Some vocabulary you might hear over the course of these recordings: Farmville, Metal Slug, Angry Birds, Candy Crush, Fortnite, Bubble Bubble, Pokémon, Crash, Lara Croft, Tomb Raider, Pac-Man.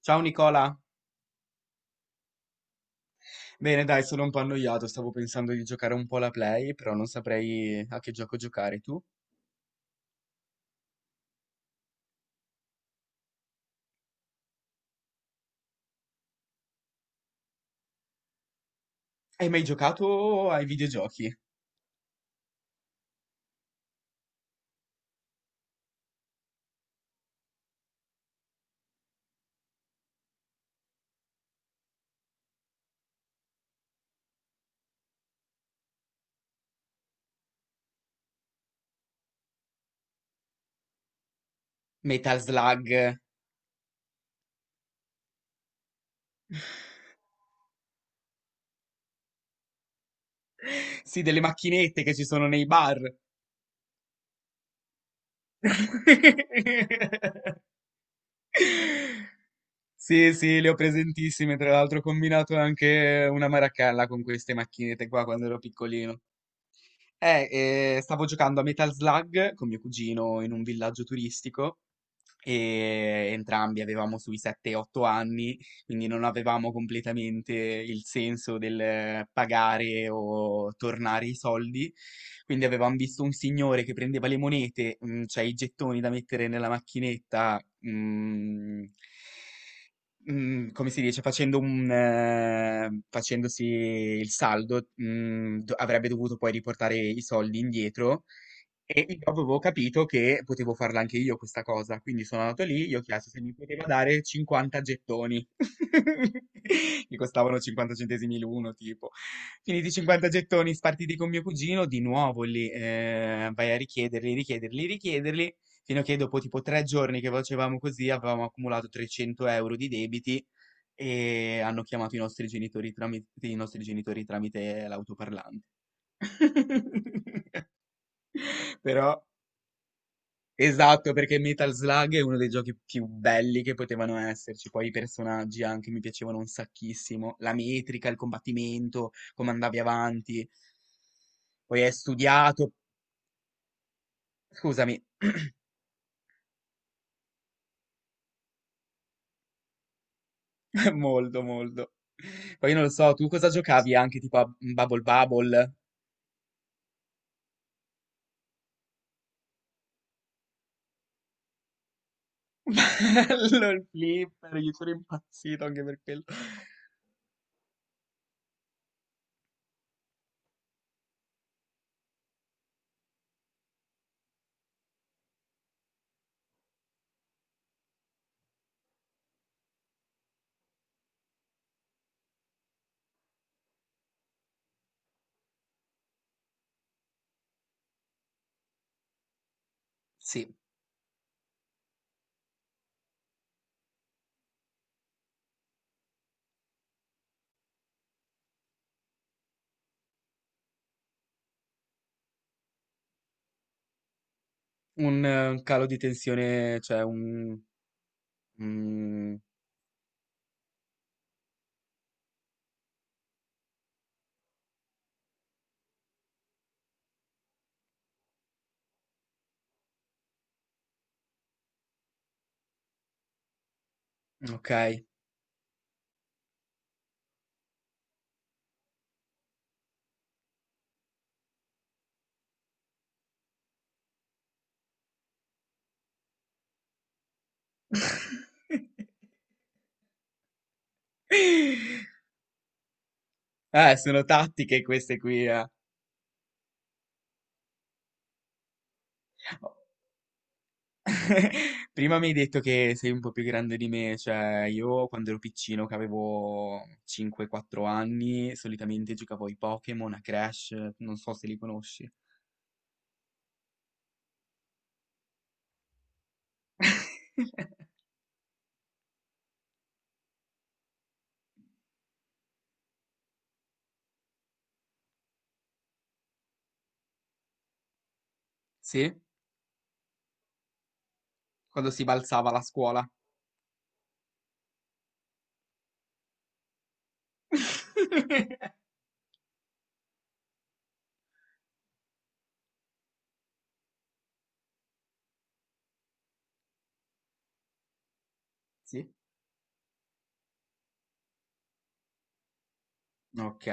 Ciao Nicola! Bene, dai, sono un po' annoiato, stavo pensando di giocare un po' alla Play, però non saprei a che gioco giocare tu. Hai mai giocato ai videogiochi? Metal Slug? Sì, delle macchinette che ci sono nei bar. Sì, sì, le ho presentissime, tra l'altro ho combinato anche una maracalla con queste macchinette qua quando ero piccolino. Eh, Stavo giocando a Metal Slug con mio cugino in un villaggio turistico e entrambi avevamo sui 7-8 anni, quindi non avevamo completamente il senso del pagare o tornare i soldi. Quindi avevamo visto un signore che prendeva le monete, cioè i gettoni da mettere nella macchinetta, mm, come si dice, facendosi il saldo, avrebbe dovuto poi riportare i soldi indietro. E io avevo capito che potevo farla anche io questa cosa, quindi sono andato lì, gli ho chiesto se mi poteva dare 50 gettoni, che costavano 50 centesimi l'uno, tipo. Finiti i 50 gettoni, spartiti con mio cugino, di nuovo lì, vai a richiederli, richiederli, richiederli, fino a che dopo tipo tre giorni che facevamo così avevamo accumulato 300 euro di debiti e hanno chiamato i nostri genitori tramite l'autoparlante. Però. Esatto, perché Metal Slug è uno dei giochi più belli che potevano esserci. Poi i personaggi anche mi piacevano un sacchissimo. La metrica, il combattimento, come andavi avanti. Poi è studiato. Scusami, molto, molto. Poi non lo so, tu cosa giocavi anche tipo a Bubble Bubble? Bello il flipper, io sono impazzito anche per quello. Sì, un calo di tensione, cioè un. Mm, ok. Sono tattiche queste qui, eh. Prima mi hai detto che sei un po' più grande di me, cioè io quando ero piccino, che avevo 5-4 anni, solitamente giocavo ai Pokémon, a Crash, non so se li conosci. Sì? Quando si balzava la scuola. Sì? Ok.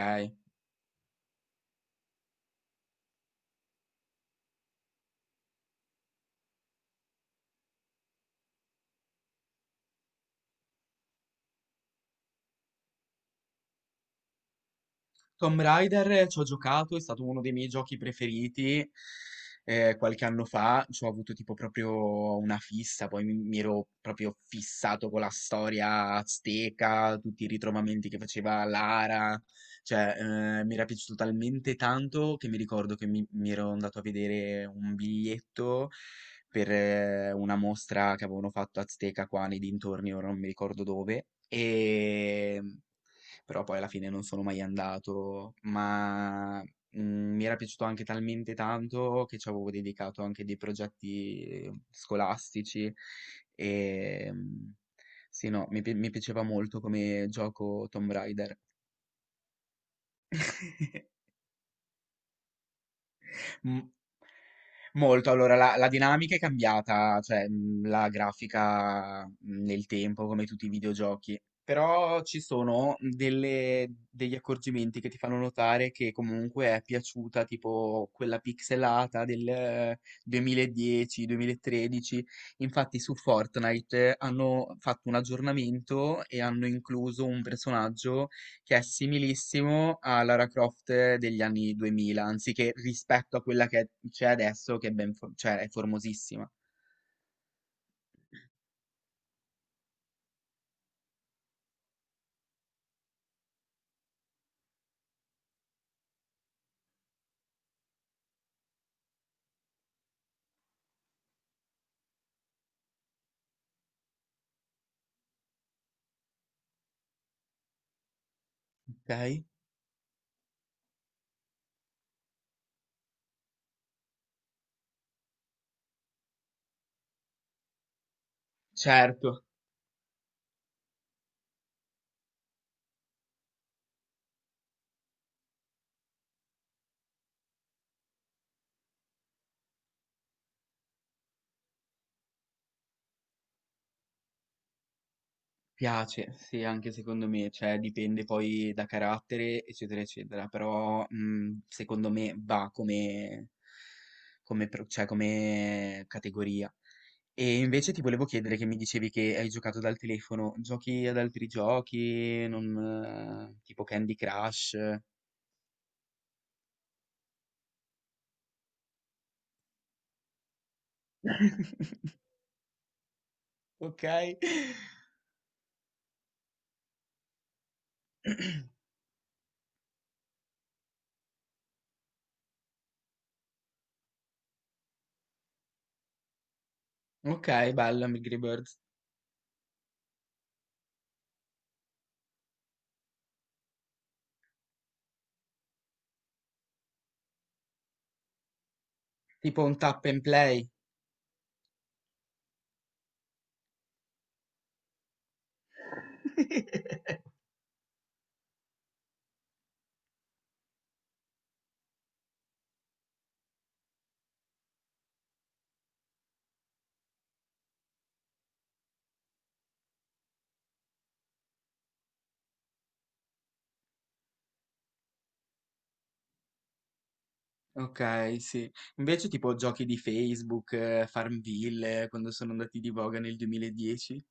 Tomb Raider ci ho giocato, è stato uno dei miei giochi preferiti qualche anno fa, ci ho avuto tipo proprio una fissa, poi mi ero proprio fissato con la storia azteca, tutti i ritrovamenti che faceva Lara, cioè mi era piaciuto talmente tanto che mi ricordo che mi ero andato a vedere un biglietto per una mostra che avevano fatto azteca qua nei dintorni, ora non mi ricordo dove. E però poi alla fine non sono mai andato, ma mi era piaciuto anche talmente tanto che ci avevo dedicato anche dei progetti scolastici e sì, no, mi piaceva molto come gioco Tomb Raider. Mm, Molto, allora la dinamica è cambiata, cioè la grafica nel tempo, come tutti i videogiochi. Però ci sono degli accorgimenti che ti fanno notare che comunque è piaciuta, tipo quella pixelata del 2010-2013. Infatti su Fortnite hanno fatto un aggiornamento e hanno incluso un personaggio che è similissimo a Lara Croft degli anni 2000, anziché rispetto a quella che c'è adesso, che è, cioè, è formosissima. Ok? Certo, piace, sì, anche secondo me, cioè dipende poi da carattere, eccetera, eccetera, però secondo me va come categoria. E invece ti volevo chiedere che mi dicevi che hai giocato dal telefono, giochi ad altri giochi, non, tipo Candy Crush? Ok, ok, bello Angry Birds. Tipo un tap and play. Ok, sì. Invece tipo giochi di Facebook, Farmville, quando sono andati di voga nel 2010.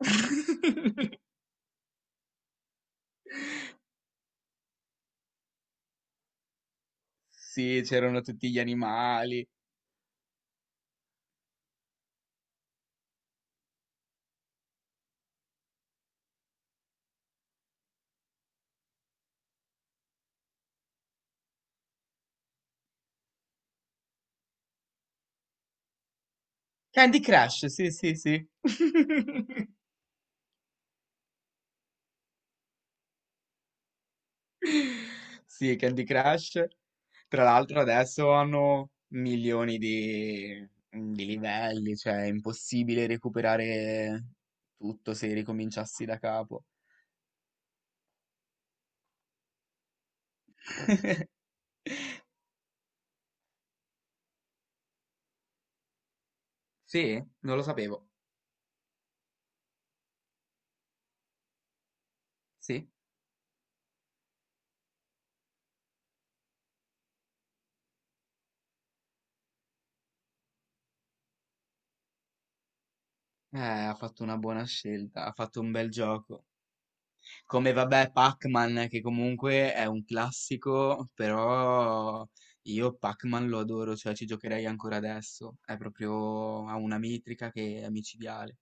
Sì, c'erano tutti gli animali. Candy Crush, sì, sì, sì. Sì, Candy Crush. Tra l'altro adesso hanno milioni di livelli, cioè è impossibile recuperare tutto se ricominciassi da capo. Sì, non lo sapevo. Sì, ha fatto una buona scelta, ha fatto un bel gioco. Come vabbè Pac-Man, che comunque è un classico, però io Pac-Man lo adoro, cioè ci giocherei ancora adesso. È proprio, ha una metrica che è micidiale.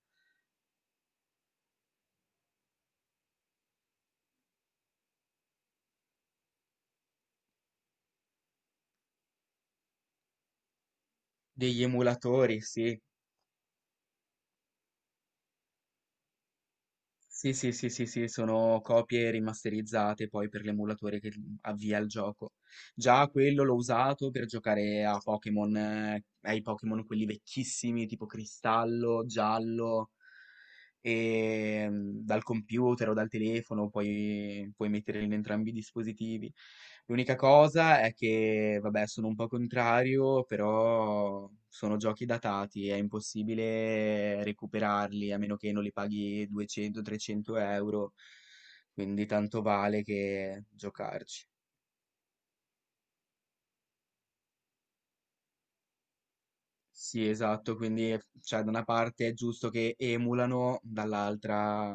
Degli emulatori, sì. Sì, sì, sì, sì, sì, sono copie rimasterizzate poi per l'emulatore che avvia il gioco. Già quello l'ho usato per giocare a Pokémon, ai Pokémon quelli vecchissimi, tipo Cristallo, Giallo. E dal computer o dal telefono puoi mettere in entrambi i dispositivi. L'unica cosa è che, vabbè, sono un po' contrario, però sono giochi datati, è impossibile recuperarli a meno che non li paghi 200-300 euro, quindi tanto vale che giocarci. Sì, esatto, quindi cioè, da una parte è giusto che emulano, dall'altra,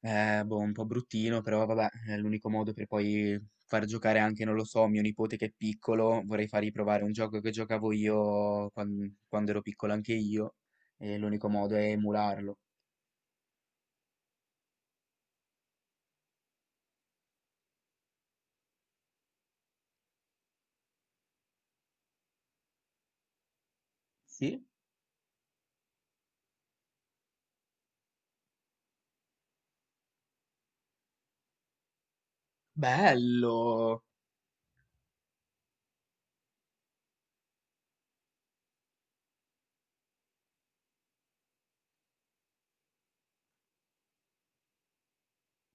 Boh, un po' bruttino, però vabbè, è l'unico modo per poi far giocare anche, non lo so, mio nipote che è piccolo, vorrei fargli provare un gioco che giocavo io quando, ero piccolo anche io, e l'unico modo è emularlo. Sì? Bello!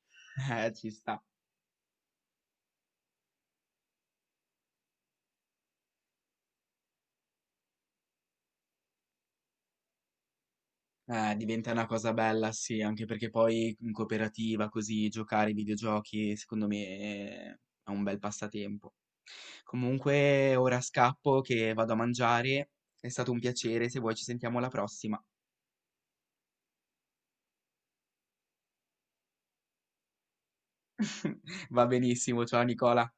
Ci sta. Diventa una cosa bella, sì, anche perché poi in cooperativa, così, giocare ai videogiochi, secondo me è un bel passatempo. Comunque, ora scappo che vado a mangiare. È stato un piacere, se vuoi ci sentiamo alla prossima. Va benissimo, ciao Nicola.